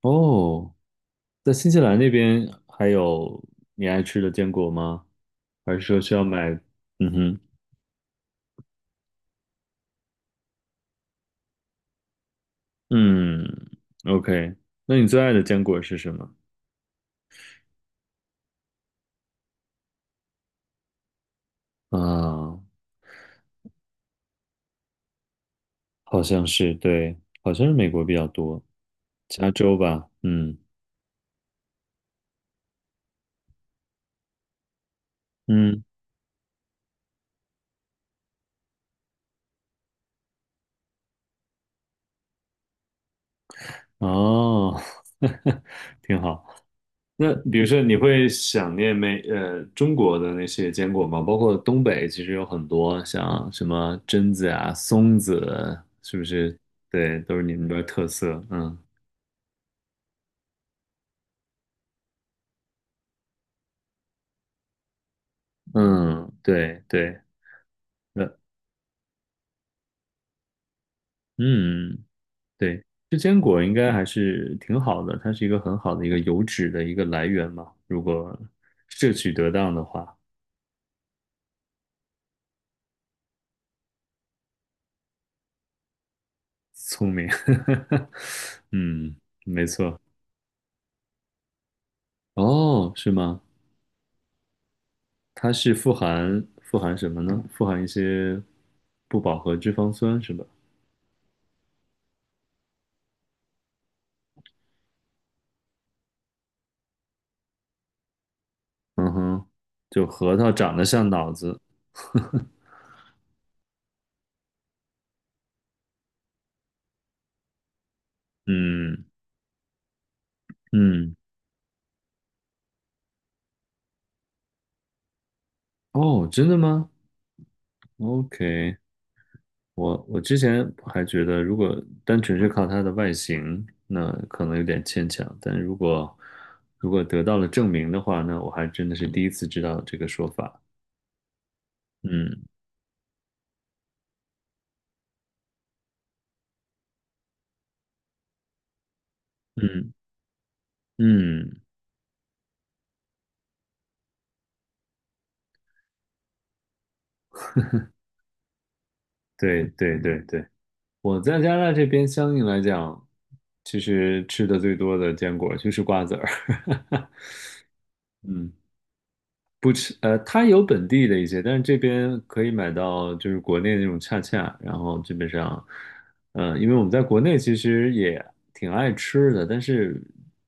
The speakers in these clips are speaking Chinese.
哦，在新西兰那边还有你爱吃的坚果吗？还是说需要买？嗯哼，嗯，OK。那你最爱的坚果是什么？啊，好像是，对，好像是美国比较多，加州吧，嗯嗯，哦，挺好。那比如说，你会想念美中国的那些坚果吗？包括东北，其实有很多像什么榛子啊、松子，是不是？对，都是你们那边特色。嗯嗯，对对，那嗯对，这坚果应该还是挺好的，它是一个很好的一个油脂的一个来源嘛，如果摄取得当的话，聪明。嗯，没错。哦，是吗？它是富含什么呢？富含一些不饱和脂肪酸是吧？嗯哼，就核桃长得像脑子。嗯嗯，哦，真的吗？OK，我之前还觉得，如果单纯是靠它的外形，那可能有点牵强。但如果如果得到了证明的话，那我还真的是第一次知道这个说法。嗯嗯嗯，对对对对，我在加拿大这边相应来讲，其实吃的最多的坚果就是瓜子儿。嗯不吃，它有本地的一些，但是这边可以买到就是国内那种恰恰，然后基本上，因为我们在国内其实也挺爱吃的，但是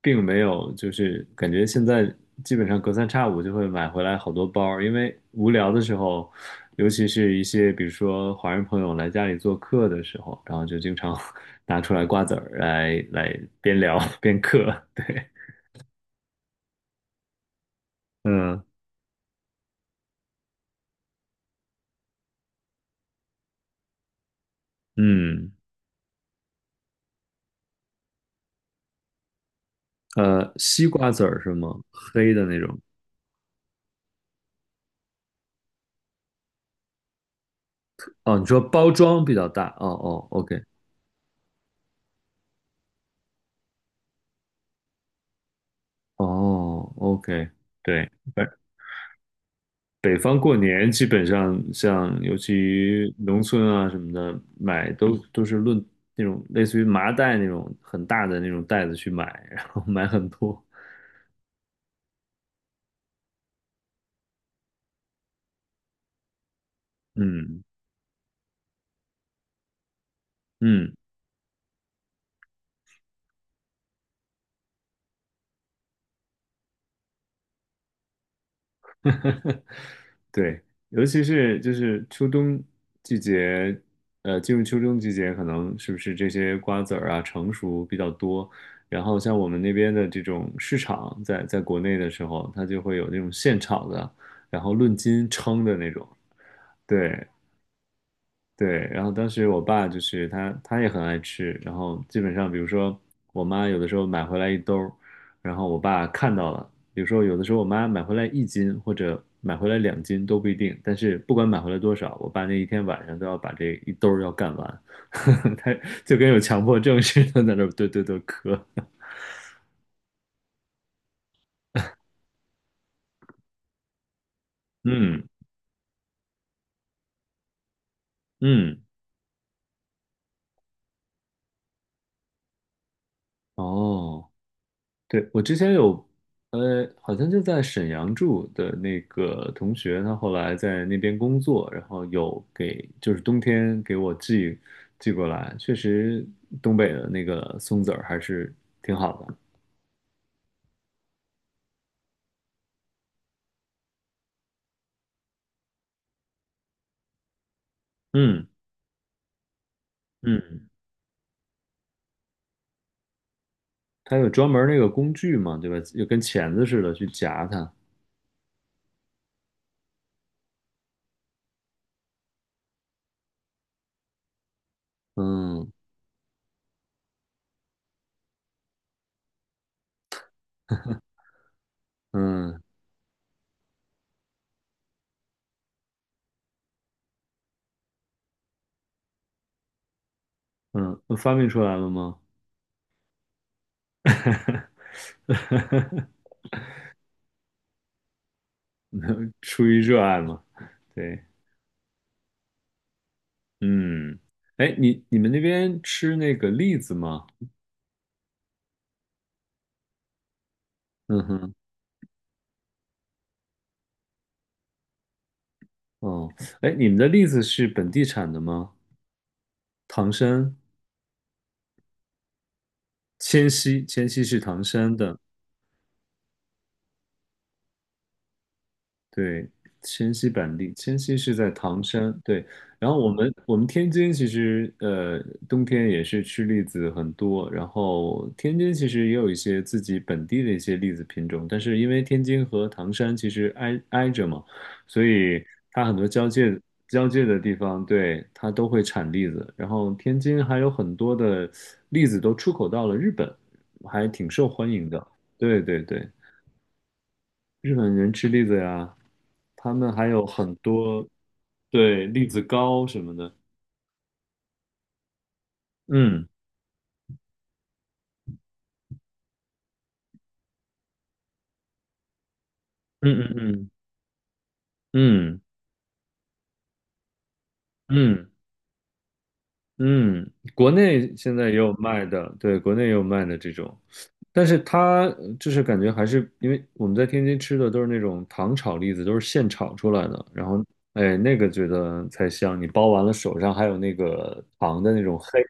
并没有就是感觉现在基本上隔三差五就会买回来好多包儿，因为无聊的时候，尤其是一些比如说华人朋友来家里做客的时候，然后就经常 拿出来瓜子儿来边聊边嗑，对，嗯嗯。呃，西瓜籽儿是吗？黑的那种。哦，你说包装比较大。哦哦，OK，哦，OK，对。北方过年基本上像，尤其农村啊什么的，买都是论那种类似于麻袋那种很大的那种袋子去买，然后买很多。嗯嗯，对，尤其是就是秋冬季节，进入秋冬季节，可能是不是这些瓜子儿啊成熟比较多，然后像我们那边的这种市场在，在国内的时候，它就会有那种现炒的，然后论斤称的那种，对，对，然后当时我爸就是他也很爱吃，然后基本上比如说我妈有的时候买回来一兜儿，然后我爸看到了，比如说有的时候我妈买回来一斤或者买回来两斤都不一定，但是不管买回来多少，我爸那一天晚上都要把这一兜儿要干完，他就跟有强迫症似的在那儿对对对磕，嗯嗯，哦。对，我之前有，好像就在沈阳住的那个同学，他后来在那边工作，然后有给，就是冬天给我寄过来，确实东北的那个松子儿还是挺好的。嗯嗯，它有专门儿那个工具嘛，对吧？就跟钳子似的去夹它。嗯嗯嗯，发明出来了吗？出于热爱嘛，对。嗯，哎，你们那边吃那个栗子吗？嗯哼，哦，哎，你们的栗子是本地产的吗？唐山，迁西，迁西是唐山的。对，迁西板栗，迁西是在唐山，对。然后我们天津其实冬天也是吃栗子很多，然后天津其实也有一些自己本地的一些栗子品种，但是因为天津和唐山其实挨挨着嘛，所以它很多交界交界的地方，对，它都会产栗子。然后天津还有很多的栗子都出口到了日本，还挺受欢迎的。对对对。日本人吃栗子呀，他们还有很多，对，栗子糕什么的。嗯嗯嗯嗯嗯嗯嗯，国内现在也有卖的，对，国内也有卖的这种，但是它就是感觉还是因为我们在天津吃的都是那种糖炒栗子，都是现炒出来的，然后哎，那个觉得才香，你包完了手上还有那个糖的那种黑，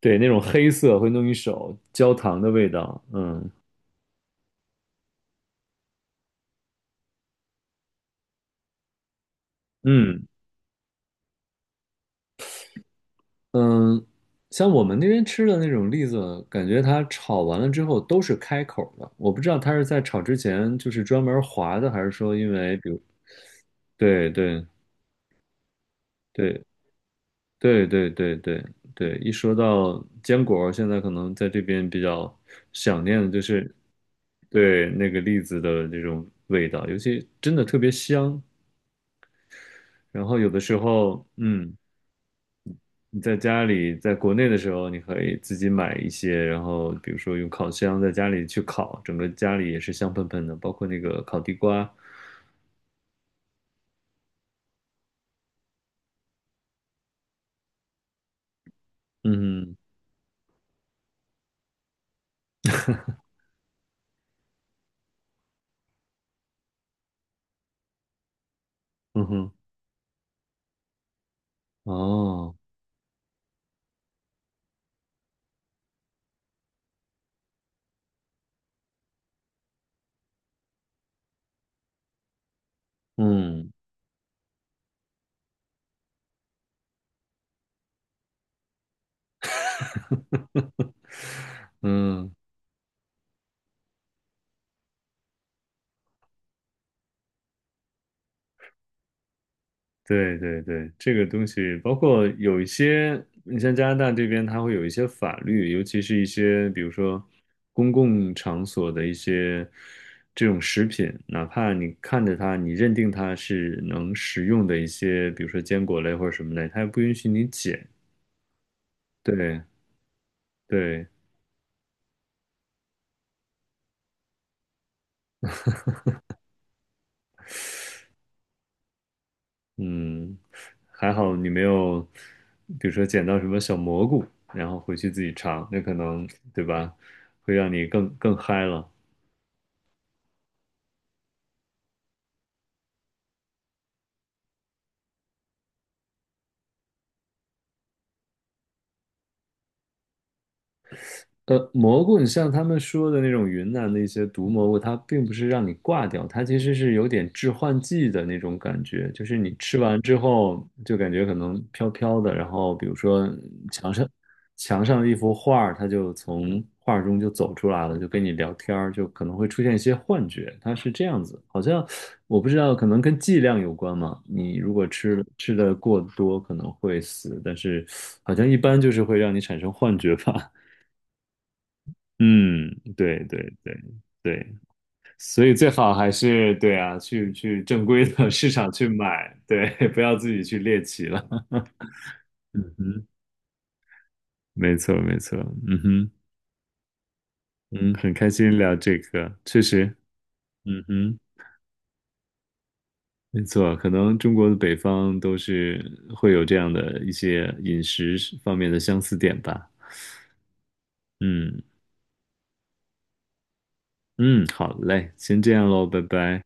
对，那种黑色会弄一手焦糖的味道，嗯。嗯嗯，像我们那边吃的那种栗子，感觉它炒完了之后都是开口的。我不知道它是在炒之前就是专门划的，还是说因为比如，对对对对对对对对，一说到坚果，现在可能在这边比较想念的就是对那个栗子的这种味道，尤其真的特别香。然后有的时候，嗯。你在家里，在国内的时候，你可以自己买一些，然后比如说用烤箱在家里去烤，整个家里也是香喷喷的，包括那个烤地瓜。嗯哼嗯哼，哦，嗯嗯，对对对，这个东西包括有一些，你像加拿大这边，它会有一些法律，尤其是一些比如说公共场所的一些这种食品，哪怕你看着它，你认定它是能食用的一些，比如说坚果类或者什么类，它也不允许你捡。对对，嗯，还好你没有，比如说捡到什么小蘑菇，然后回去自己尝，那可能，对吧，会让你更嗨了。呃，蘑菇，你像他们说的那种云南的一些毒蘑菇，它并不是让你挂掉，它其实是有点致幻剂的那种感觉，就是你吃完之后就感觉可能飘飘的，然后比如说墙上墙上的一幅画儿，它就从画儿中就走出来了，就跟你聊天儿，就可能会出现一些幻觉，它是这样子，好像我不知道，可能跟剂量有关嘛，你如果吃了吃的过多可能会死，但是好像一般就是会让你产生幻觉吧。嗯，对对对对，所以最好还是对啊，去正规的 市场去买，对，不要自己去猎奇了。嗯哼，没错没错，嗯哼，嗯，很开心聊这个，确实，嗯哼，没错，可能中国的北方都是会有这样的一些饮食方面的相似点吧。嗯嗯，好嘞，先这样喽，拜拜。